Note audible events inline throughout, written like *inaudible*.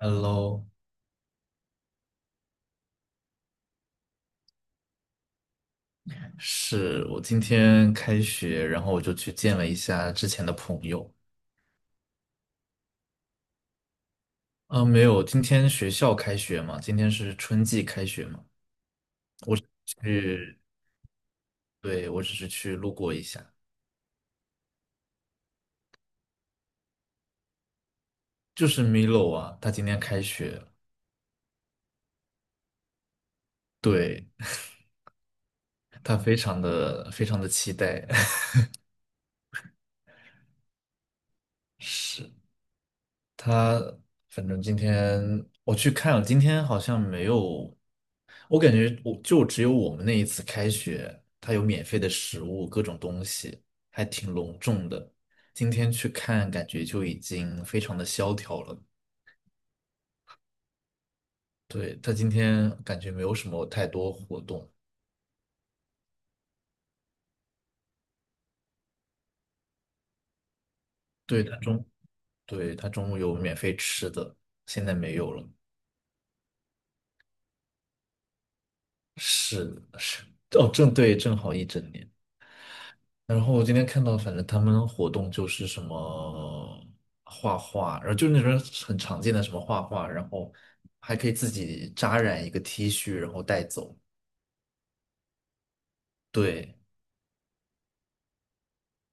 Hello，是我今天开学，然后我就去见了一下之前的朋友。啊，没有，今天学校开学嘛，今天是春季开学嘛，去，对，我只是去路过一下。就是 Milo 啊，他今天开学了。对，他非常的非常的期待，*laughs* 是。他反正今天我去看了，今天好像没有，我感觉我就只有我们那一次开学，他有免费的食物，各种东西，还挺隆重的。今天去看，感觉就已经非常的萧条了。对，他今天感觉没有什么太多活动。对，对，他中午有免费吃的，现在没有了。是是哦，正好一整年。然后我今天看到，反正他们活动就是什么画画，然后就是那种很常见的什么画画，然后还可以自己扎染一个 T 恤，然后带走。对，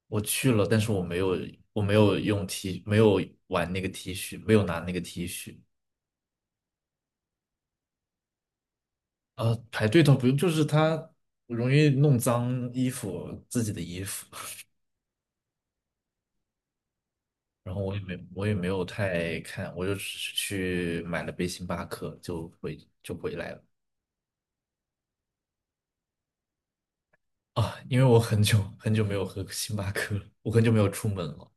我去了，但是我没有用 T，没有玩那个 T 恤，没有拿那个 T 恤。啊，排队倒不用，就是他容易弄脏衣服，自己的衣服。*laughs* 然后我也没有太看，我就只是去买了杯星巴克，就回来了。啊，因为我很久很久没有喝星巴克了，我很久没有出门了。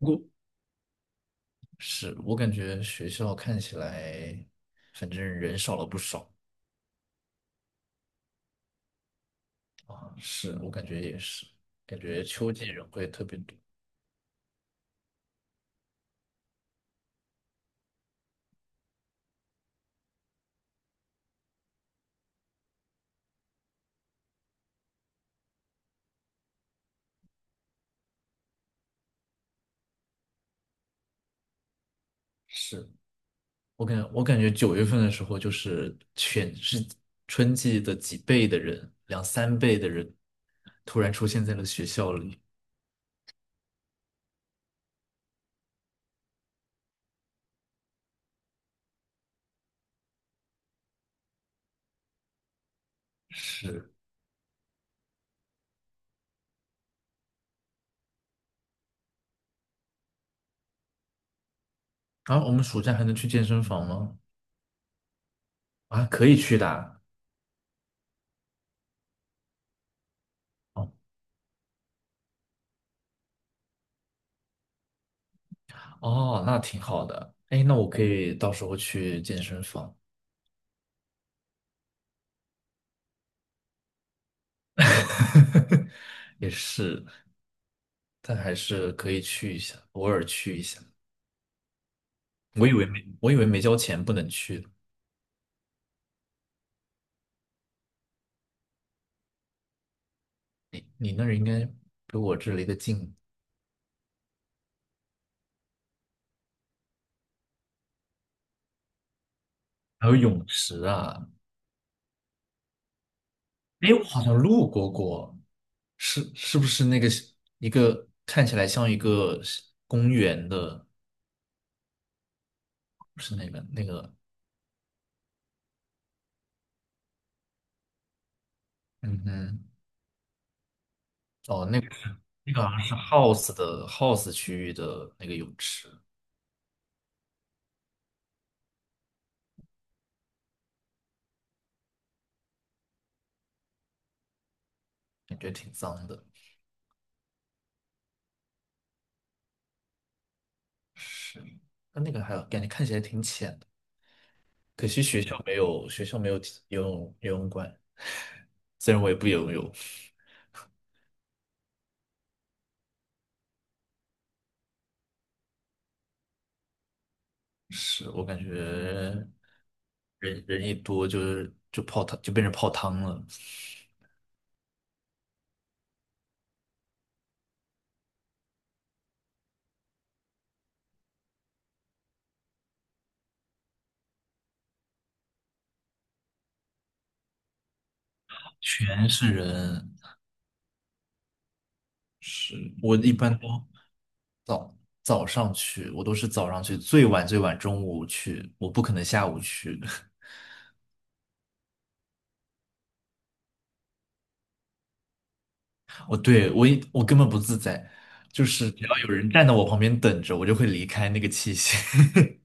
不过是我感觉学校看起来，反正人少了不少啊。是我感觉也是，感觉秋季人会特别多。是我感觉九月份的时候，就是全是春季的几倍的人，两三倍的人，突然出现在了学校里。是，然后我们暑假还能去健身房吗？啊，可以去的啊。哦哦，那挺好的。哎，那我可以到时候去健身房，*laughs* 也是，但还是可以去一下，偶尔去一下。我以为没交钱不能去的。你那儿应该比我这离得近，还有泳池啊。哎，我好像路过过，是不是那个一个看起来像一个公园的？嗯哼，哦，那个好像是 house 区域的那个泳池。感觉挺脏的。是，那个还有感觉看起来挺浅的，可惜学校没有提游泳馆，虽然我也不游泳，是我感觉人人一多就变成泡汤了，全是人。是我一般都早上去，我都是早上去，最晚最晚中午去，我不可能下午去。*laughs* 我对我一我根本不自在，就是只要有人站在我旁边等着，我就会离开那个器械。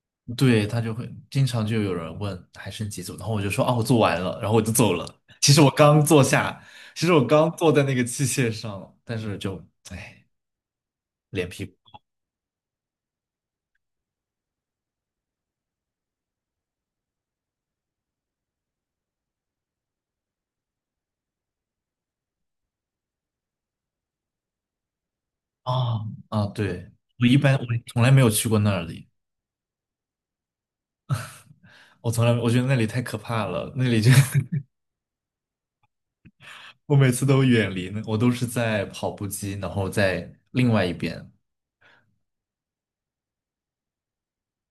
*laughs* 对，他就会经常就有人问还剩几组，然后我就说啊我做完了，然后我就走了。其实我刚坐下，其实我刚坐在那个器械上了，但是就哎，脸皮薄啊啊，对，我一般我从来没有去过那里，我从来我觉得那里太可怕了，那里就 *laughs* 我每次都远离那，我都是在跑步机，然后在另外一边。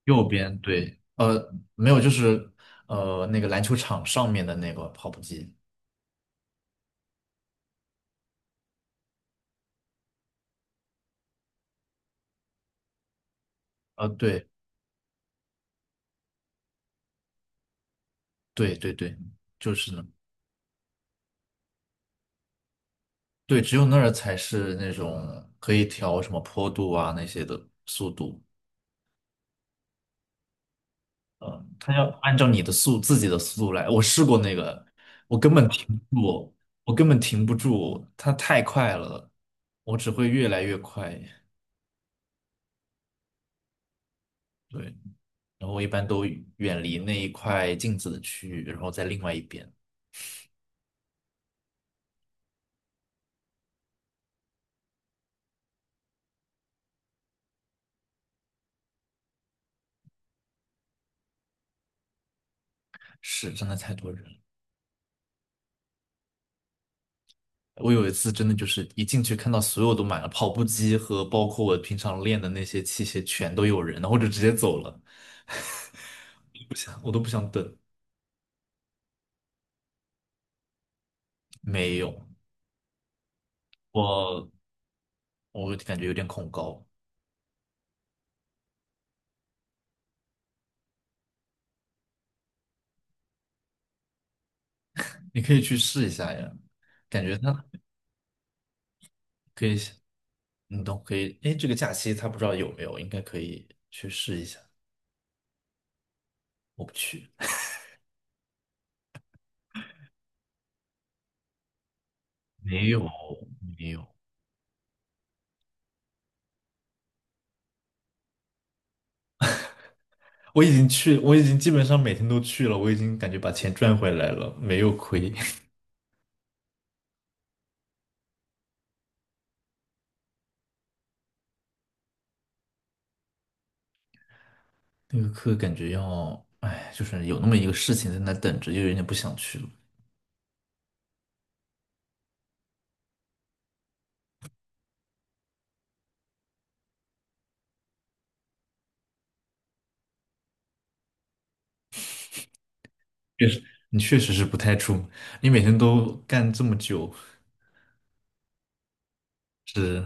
右边，对，没有，就是那个篮球场上面的那个跑步机，对对对对，就是呢，对，只有那儿才是那种可以调什么坡度啊那些的速度，它要按照你的速自己的速度来。我试过那个，我根本停不住，我根本停不住，它太快了，我只会越来越快。对，然后我一般都远离那一块镜子的区域，然后在另外一边。是，真的太多人了。我有一次真的就是一进去看到所有都满了，跑步机和包括我平常练的那些器械全都有人，然后我就直接走了，*laughs* 不想我都不想等。没有，我我感觉有点恐高，你可以去试一下呀，感觉它可以，你都可以。哎，这个假期他不知道有没有，应该可以去试一下。我不去，没有没有，我已经基本上每天都去了，我已经感觉把钱赚回来了，没有亏。那个课感觉要，哎，就是有那么一个事情在那等着，就有点不想去了。确实，你确实是不太出，你每天都干这么久，是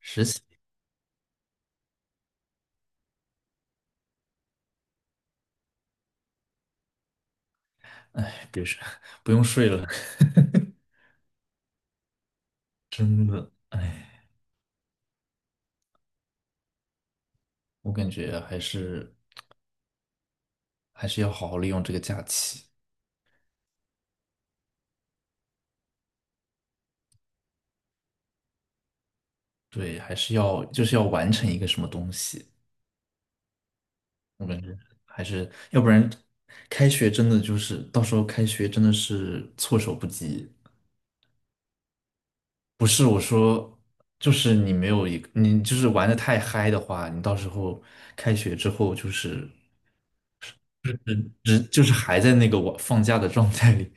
实习，哎，别说，不用睡了，*laughs* 真的，哎，我感觉还是要好好利用这个假期，对，还是要就是要完成一个什么东西，我感觉要不然开学真的就是到时候开学真的是措手不及。不是我说，就是你没有一个，你就是玩的太嗨的话，你到时候开学之后就是就是还在那个我放假的状态里，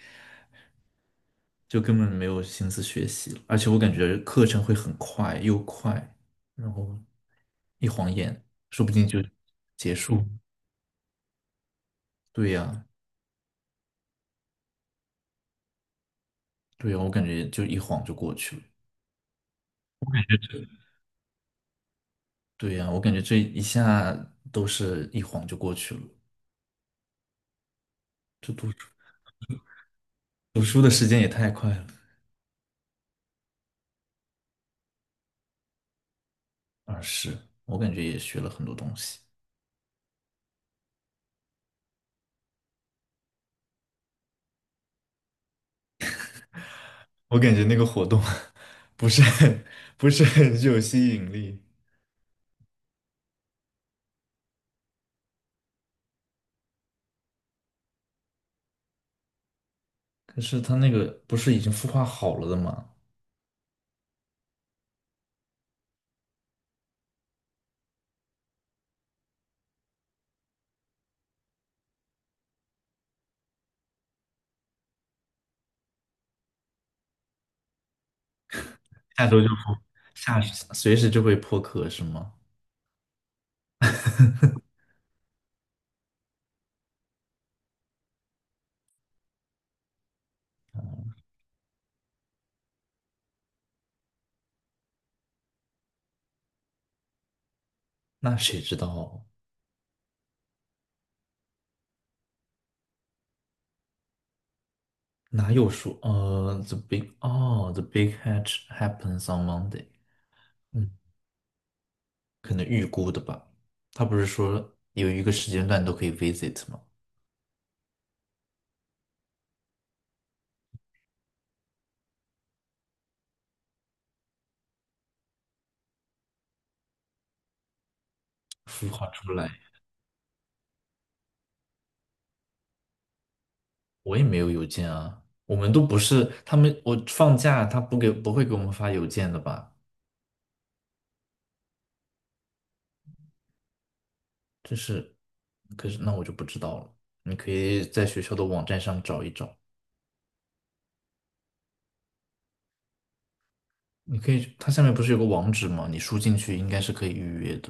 就根本没有心思学习了。而且我感觉课程会很快又快，然后一晃眼，说不定就结束。对呀，对呀，我感觉就一晃就过去了。对呀，我感觉这一下都是一晃就过去了，这读书读书的时间也太快了。啊，是，我感觉也学了很多东西。我感觉那个活动 *laughs* 不是很不是很具有吸引力，可是他那个不是已经孵化好了的吗？下周就不下随时就会破壳是吗？*laughs* 那谁知道？哪有说the big hatch happens on Monday。嗯，可能预估的吧。他不是说有一个时间段都可以 visit 吗？孵化出来。我也没有邮件啊，我们都不是他们，我放假他不会给我们发邮件的吧？这是，可是那我就不知道了。你可以在学校的网站上找一找，你可以，它下面不是有个网址吗？你输进去应该是可以预约的，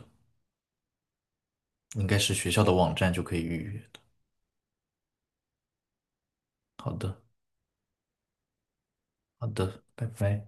应该是学校的网站就可以预约的。好的，好的，拜拜。